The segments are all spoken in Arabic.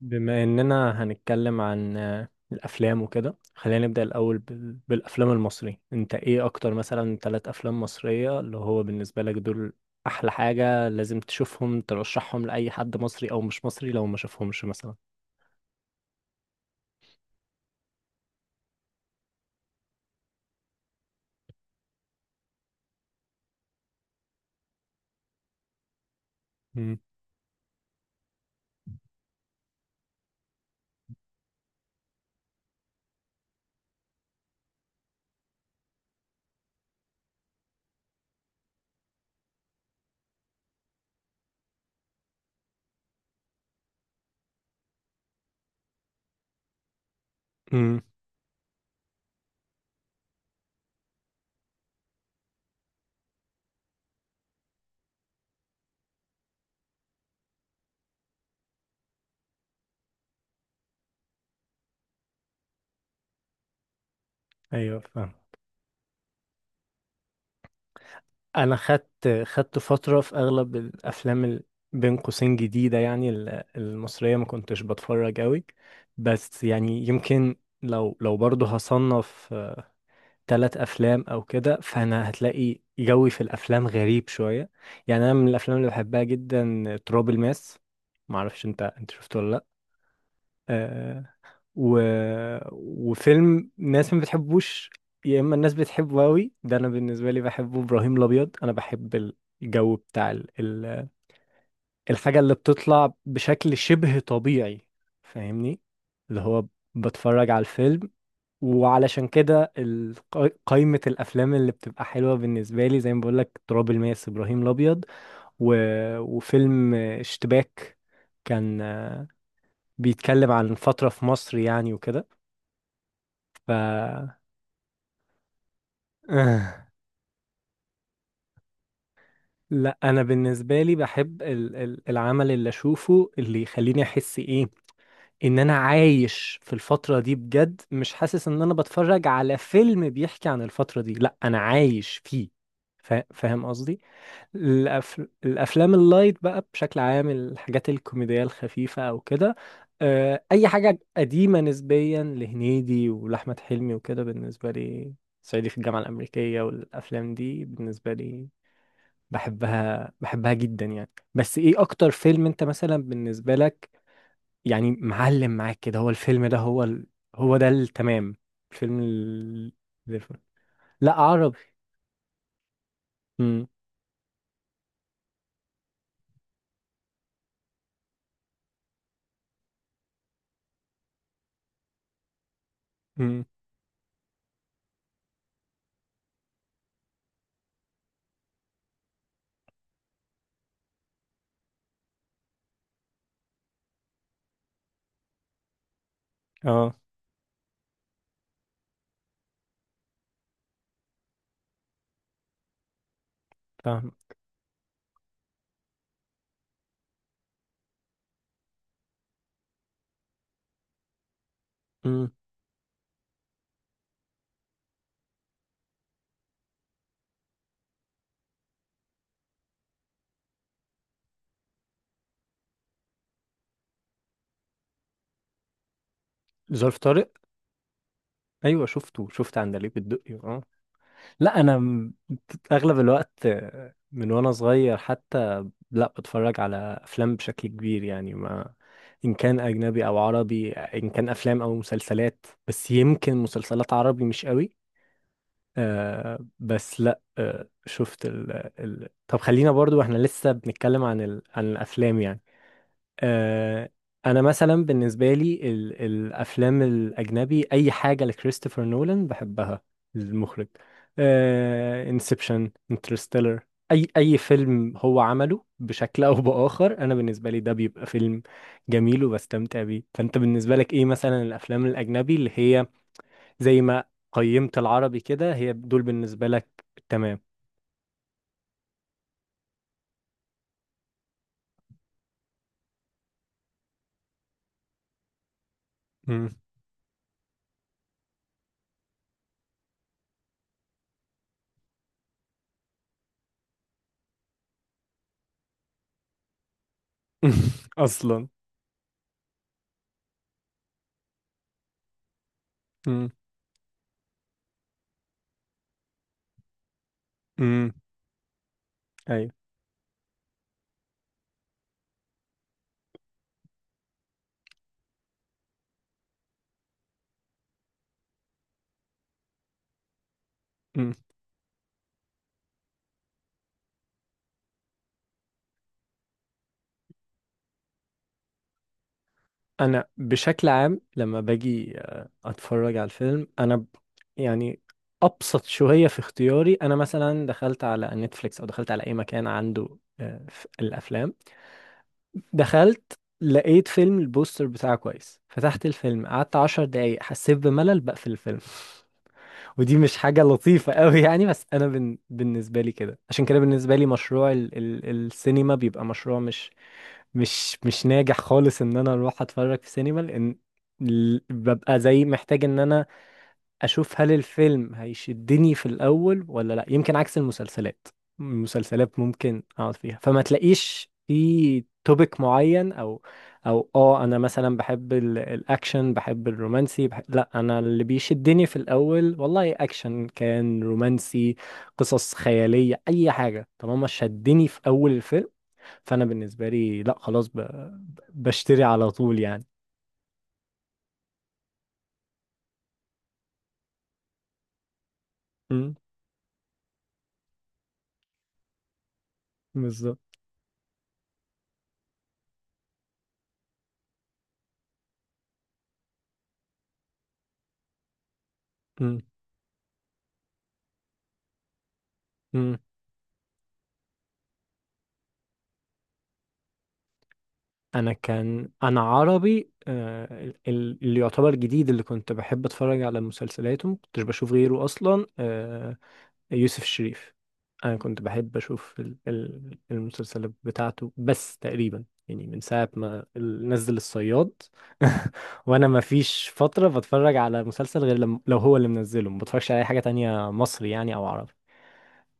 بما اننا هنتكلم عن الافلام وكده خلينا نبدا الاول بالافلام المصريه. انت ايه اكتر مثلا ثلاث افلام مصريه اللي هو بالنسبه لك دول احلى حاجه لازم تشوفهم ترشحهم لاي حد مصري او مش مصري لو ما شافهمش مثلا؟ امم. امم. ايوه، فاهم. انا خدت فتره في اغلب الافلام بين قوسين جديده يعني المصريه ما كنتش بتفرج قوي، بس يعني يمكن لو برضه هصنف ثلاث افلام او كده، فانا هتلاقي جوي في الافلام غريب شويه. يعني انا من الافلام اللي بحبها جدا تراب الماس. ما اعرفش انت شفته ولا لا؟ آه. و... وفيلم ناس ما بتحبوش يا اما الناس بتحبه قوي، ده انا بالنسبه لي بحبه. ابراهيم الابيض انا بحب الجو بتاع الحاجه اللي بتطلع بشكل شبه طبيعي، فاهمني؟ اللي هو بتفرج على الفيلم. وعلشان كده قايمة الأفلام اللي بتبقى حلوة بالنسبة لي، زي ما بقولك، تراب الماس، إبراهيم الأبيض، و... وفيلم اشتباك. كان بيتكلم عن فترة في مصر يعني وكده. ف آه، لا أنا بالنسبة لي بحب العمل اللي أشوفه اللي يخليني أحس إيه، إن أنا عايش في الفترة دي بجد. مش حاسس إن أنا بتفرج على فيلم بيحكي عن الفترة دي، لا أنا عايش فيه. فاهم قصدي؟ الافلام اللايت بقى بشكل عام، الحاجات الكوميديه الخفيفه او كده، اي حاجه قديمه نسبيا لهنيدي ولاحمد حلمي وكده بالنسبه لي، صعيدي في الجامعه الامريكيه، والافلام دي بالنسبه لي بحبها جدا يعني. بس ايه اكتر فيلم انت مثلا بالنسبه لك يعني معلم معاك كده، هو الفيلم ده هو هو ده التمام، الفيلم لا، عربي. امم. امم. اه، فاهم. امم. ظرف طارق؟ ايوه شفته. شفت عندليب الدقي اه. لا انا اغلب الوقت من وانا صغير حتى لا بتفرج على افلام بشكل كبير يعني، ما ان كان اجنبي او عربي، ان كان افلام او مسلسلات، بس يمكن مسلسلات عربي مش قوي. آه بس لا، آه شفت ال ال طب خلينا برضو احنا لسه بنتكلم عن عن الافلام يعني. آه، انا مثلا بالنسبه لي الافلام الاجنبي اي حاجه لكريستوفر نولان بحبها، المخرج، انسبشن، انترستيلر، اي فيلم هو عمله بشكل او باخر انا بالنسبه لي ده بيبقى فيلم جميل وبستمتع بيه. فانت بالنسبه لك ايه مثلا الافلام الاجنبي اللي هي زي ما قيمت العربي كده، هي دول بالنسبه لك تمام؟ مم. اصلا. مم. مم. ايوه. انا بشكل عام لما باجي اتفرج على الفيلم انا يعني ابسط شويه في اختياري. انا مثلا دخلت على نتفليكس او دخلت على اي مكان عنده الافلام، دخلت لقيت فيلم البوستر بتاعه كويس، فتحت الفيلم قعدت 10 دقايق حسيت بملل، بقفل الفيلم. ودي مش حاجه لطيفه قوي يعني، بس انا بالنسبه لي كده. عشان كده بالنسبه لي مشروع ال السينما بيبقى مشروع مش ناجح خالص، ان انا اروح اتفرج في سينما، لان ببقى زي محتاج ان انا اشوف هل الفيلم هيشدني في الاول ولا لا. يمكن عكس المسلسلات، المسلسلات ممكن اقعد فيها فما تلاقيش في توبيك معين، او انا مثلا بحب الاكشن، بحب الرومانسي، بحب، لا انا اللي بيشدني في الاول والله اكشن كان رومانسي قصص خيالية اي حاجة طالما شدني في اول الفيلم، فانا بالنسبه لي لا خلاص بشتري على طول يعني. امم. بالظبط. امم. امم. انا كان انا عربي، اللي يعتبر جديد اللي كنت بحب اتفرج على مسلسلاته ما كنتش بشوف غيره اصلا، يوسف الشريف. انا كنت بحب اشوف المسلسلات بتاعته، بس تقريبا يعني من ساعه ما نزل الصياد وانا ما فيش فتره بتفرج على مسلسل غير لم... لو هو اللي منزله، ما بتفرجش على اي حاجه تانية مصري يعني او عربي.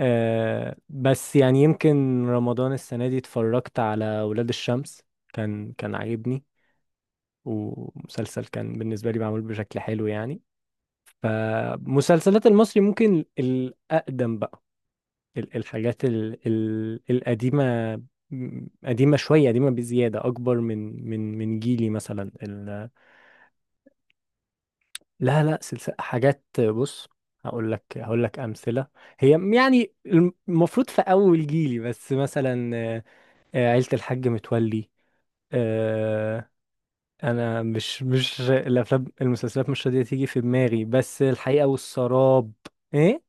بس يعني يمكن رمضان السنة دي اتفرجت على ولاد الشمس. كان عاجبني ومسلسل كان بالنسبة لي معمول بشكل حلو يعني. فمسلسلات المصري ممكن الأقدم بقى، الحاجات ال القديمة، قديمة شوية، قديمة بزيادة أكبر من جيلي مثلا لا لا، سلسلة حاجات، بص هقول لك أمثلة، هي يعني المفروض في أول جيلي بس مثلا، عيلة الحاج متولي، آه، انا مش الافلام، المسلسلات مش راضية تيجي في دماغي، بس الحقيقة والسراب. ايه؟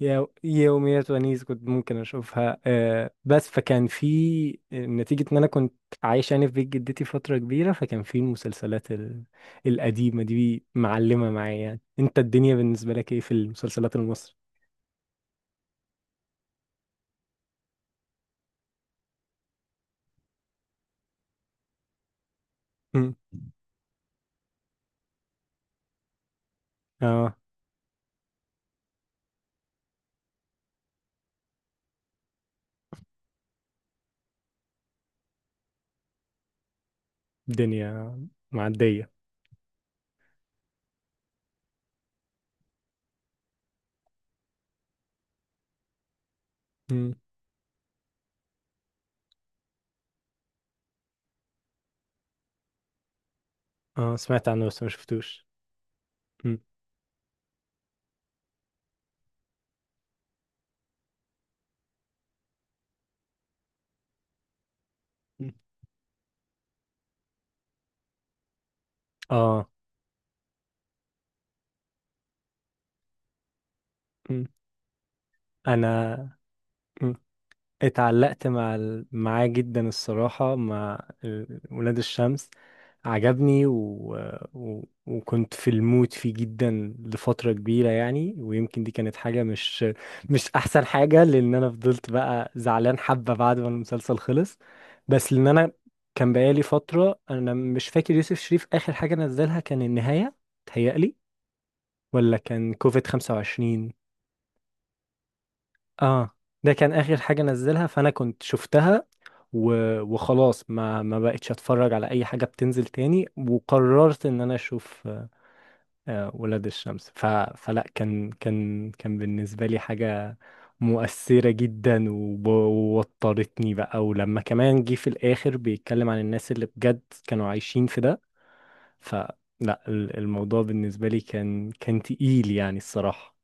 يوميات ونيس كنت ممكن اشوفها بس فكان في نتيجة ان انا كنت عايش يعني في بيت جدتي فترة كبيرة، فكان في المسلسلات القديمة دي معلمة معايا يعني. انت الدنيا بالنسبة لك ايه في المسلسلات المصري؟ مم. اه، الدنيا معدية. مم. اه، سمعت عنه بس ما شفتوش. مم. اه. م. انا. م. اتعلقت مع معاه جدا الصراحة، مع ولاد الشمس، عجبني وكنت في المود فيه جدا لفترة كبيرة يعني، ويمكن دي كانت حاجة مش أحسن حاجة لأن أنا فضلت بقى زعلان حبة بعد ما المسلسل خلص. بس لأن أنا كان بقالي فترة أنا مش فاكر يوسف شريف آخر حاجة نزلها كان النهاية، تهيألي، ولا كان كوفيد 25؟ اه، ده كان اخر حاجه نزلها فانا كنت شفتها وخلاص ما بقتش اتفرج على اي حاجه بتنزل تاني، وقررت ان انا اشوف ولاد الشمس. فلا كان بالنسبه لي حاجه مؤثره جدا، ووترتني بقى، ولما كمان جه في الاخر بيتكلم عن الناس اللي بجد كانوا عايشين في ده، فلا الموضوع بالنسبه لي كان تقيل يعني الصراحه.